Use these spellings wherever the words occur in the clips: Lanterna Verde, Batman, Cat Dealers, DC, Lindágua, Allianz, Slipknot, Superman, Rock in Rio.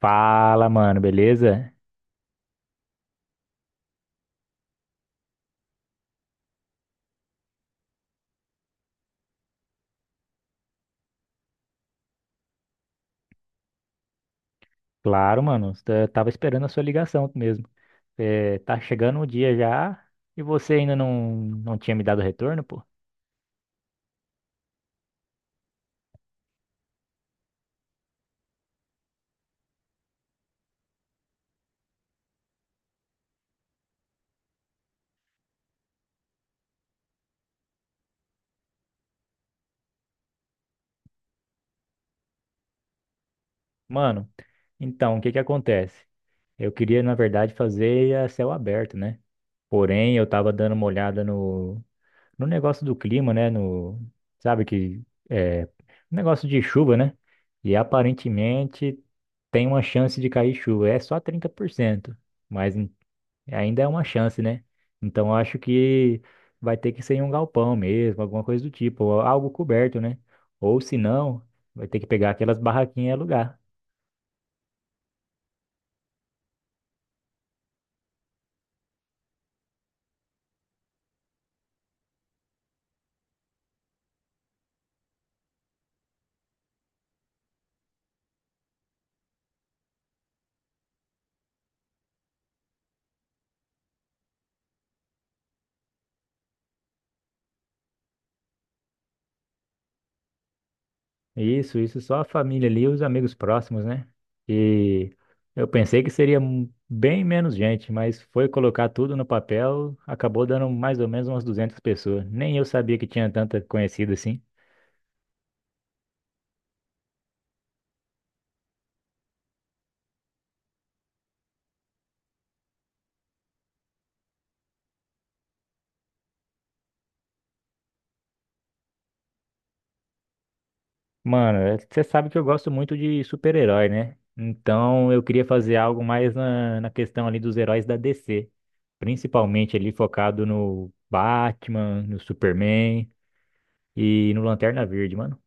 Fala, mano, beleza? Claro, mano, eu tava esperando a sua ligação mesmo. É, tá chegando o dia já e você ainda não tinha me dado retorno, pô? Mano, então, o que que acontece? Eu queria, na verdade, fazer a céu aberto, né? Porém, eu tava dando uma olhada no negócio do clima, né? No, sabe que é negócio de chuva, né? E aparentemente tem uma chance de cair chuva, é só 30%. Mas ainda é uma chance, né? Então eu acho que vai ter que ser em um galpão mesmo, alguma coisa do tipo, ou algo coberto, né? Ou se não, vai ter que pegar aquelas barraquinhas e alugar. Isso só a família ali e os amigos próximos, né? E eu pensei que seria bem menos gente, mas foi colocar tudo no papel, acabou dando mais ou menos umas 200 pessoas. Nem eu sabia que tinha tanta conhecida assim. Mano, é, você sabe que eu gosto muito de super-herói, né? Então eu queria fazer algo mais na questão ali dos heróis da DC, principalmente ali focado no Batman, no Superman e no Lanterna Verde, mano.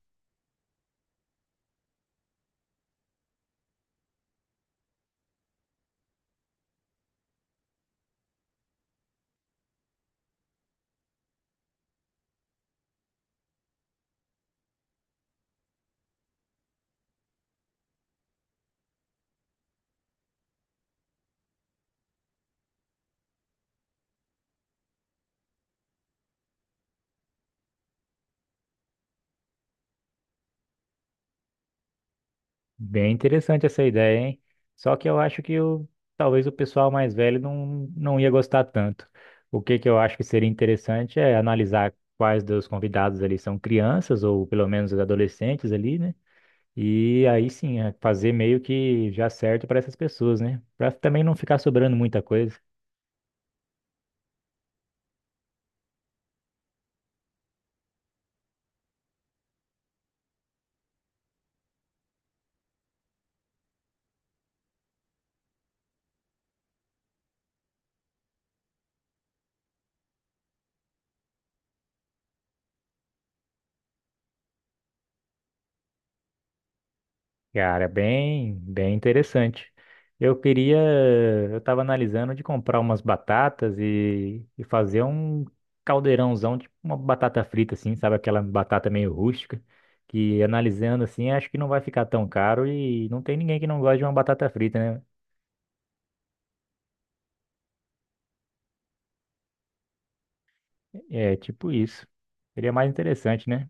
Bem interessante essa ideia, hein? Só que eu acho que o talvez o pessoal mais velho não ia gostar tanto. O que que eu acho que seria interessante é analisar quais dos convidados ali são crianças ou pelo menos adolescentes ali, né? E aí sim, é fazer meio que já certo para essas pessoas, né? Para também não ficar sobrando muita coisa. Cara, bem, bem interessante. Eu queria, eu estava analisando de comprar umas batatas e fazer um caldeirãozão, tipo uma batata frita assim, sabe aquela batata meio rústica, que analisando assim, acho que não vai ficar tão caro e não tem ninguém que não gosta de uma batata frita, né? É tipo isso. Seria mais interessante, né?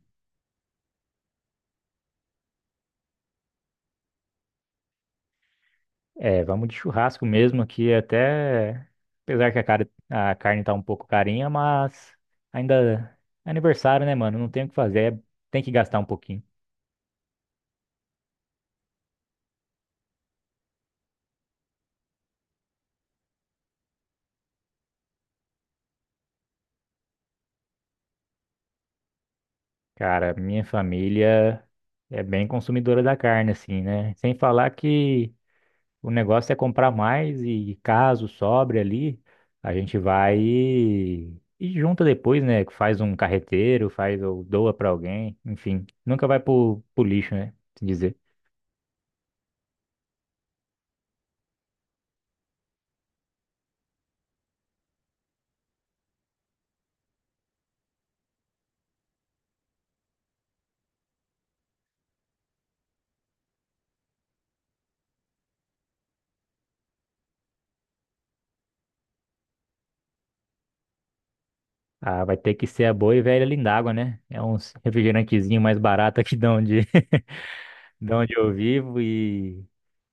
É, vamos de churrasco mesmo aqui, até. Apesar que a, cara, a carne tá um pouco carinha, mas ainda é aniversário, né, mano? Não tem o que fazer, é, tem que gastar um pouquinho. Cara, minha família é bem consumidora da carne, assim, né? Sem falar que o negócio é comprar mais e caso sobre ali, a gente vai e junta depois, né? Faz um carreteiro, faz ou doa pra alguém, enfim. Nunca vai pro lixo, né? Se dizer. Ah, vai ter que ser a boa e velha Lindágua, né? É uns refrigerantezinho mais barato aqui de onde, de onde eu vivo e,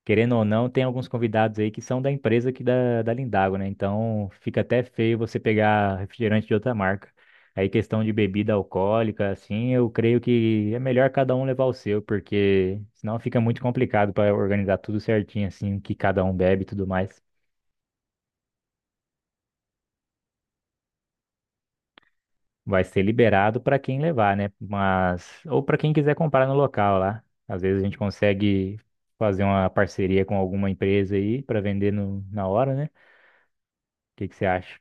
querendo ou não, tem alguns convidados aí que são da empresa aqui da Lindágua, né? Então fica até feio você pegar refrigerante de outra marca. Aí questão de bebida alcoólica, assim, eu creio que é melhor cada um levar o seu, porque senão fica muito complicado para organizar tudo certinho, assim, o que cada um bebe e tudo mais. Vai ser liberado para quem levar, né? Mas ou para quem quiser comprar no local lá. Às vezes a gente consegue fazer uma parceria com alguma empresa aí para vender no, na hora, né? O que que você acha?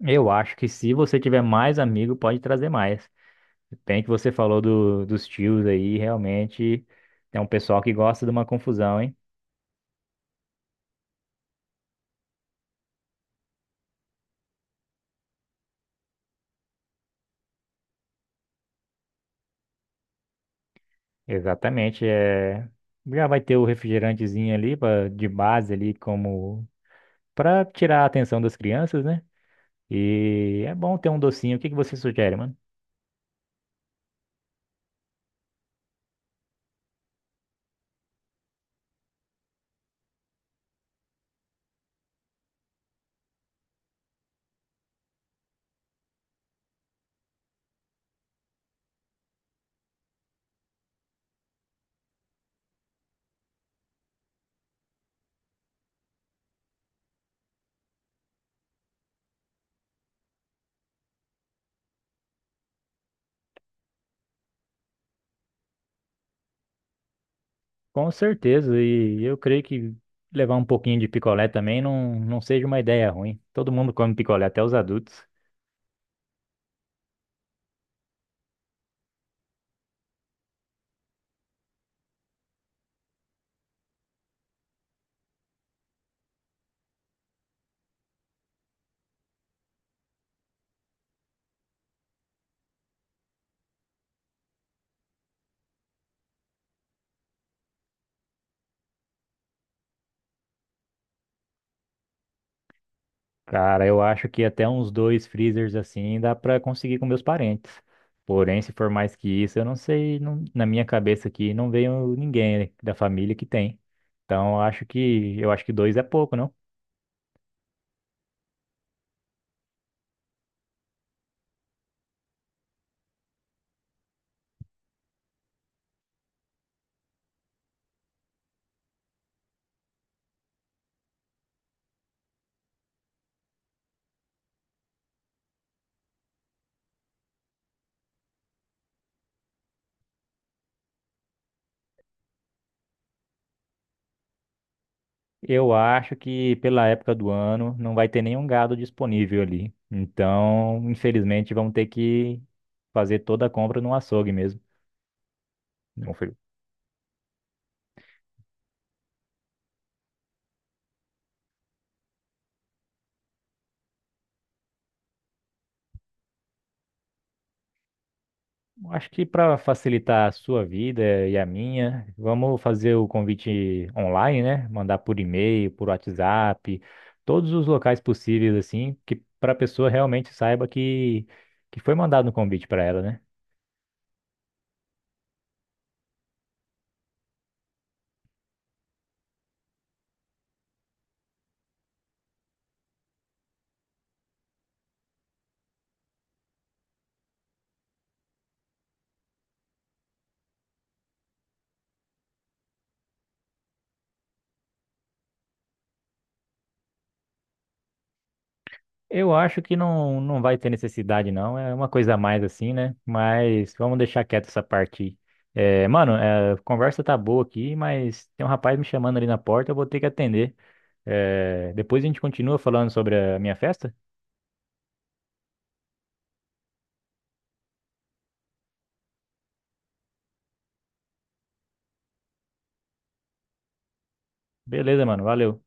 Eu acho que se você tiver mais amigo, pode trazer mais. Bem que você falou dos tios aí, realmente tem um pessoal que gosta de uma confusão, hein? Exatamente, é já vai ter o refrigerantezinho ali pra, de base ali como para tirar a atenção das crianças, né? E é bom ter um docinho. O que que você sugere, mano? Com certeza. E eu creio que levar um pouquinho de picolé também não seja uma ideia ruim. Todo mundo come picolé, até os adultos. Cara, eu acho que até uns dois freezers assim dá pra conseguir com meus parentes. Porém, se for mais que isso, eu não sei. Na minha cabeça aqui não veio ninguém da família que tem. Então, eu acho que dois é pouco, não? Eu acho que pela época do ano não vai ter nenhum gado disponível ali. Então, infelizmente, vamos ter que fazer toda a compra no açougue mesmo. Não foi- Acho que para facilitar a sua vida e a minha, vamos fazer o convite online, né? Mandar por e-mail, por WhatsApp, todos os locais possíveis assim, que para a pessoa realmente saiba que foi mandado um convite para ela, né? Eu acho que não vai ter necessidade, não. É uma coisa a mais assim, né? Mas vamos deixar quieto essa parte. É, mano, é, a conversa tá boa aqui, mas tem um rapaz me chamando ali na porta, eu vou ter que atender. É, depois a gente continua falando sobre a minha festa? Beleza, mano, valeu.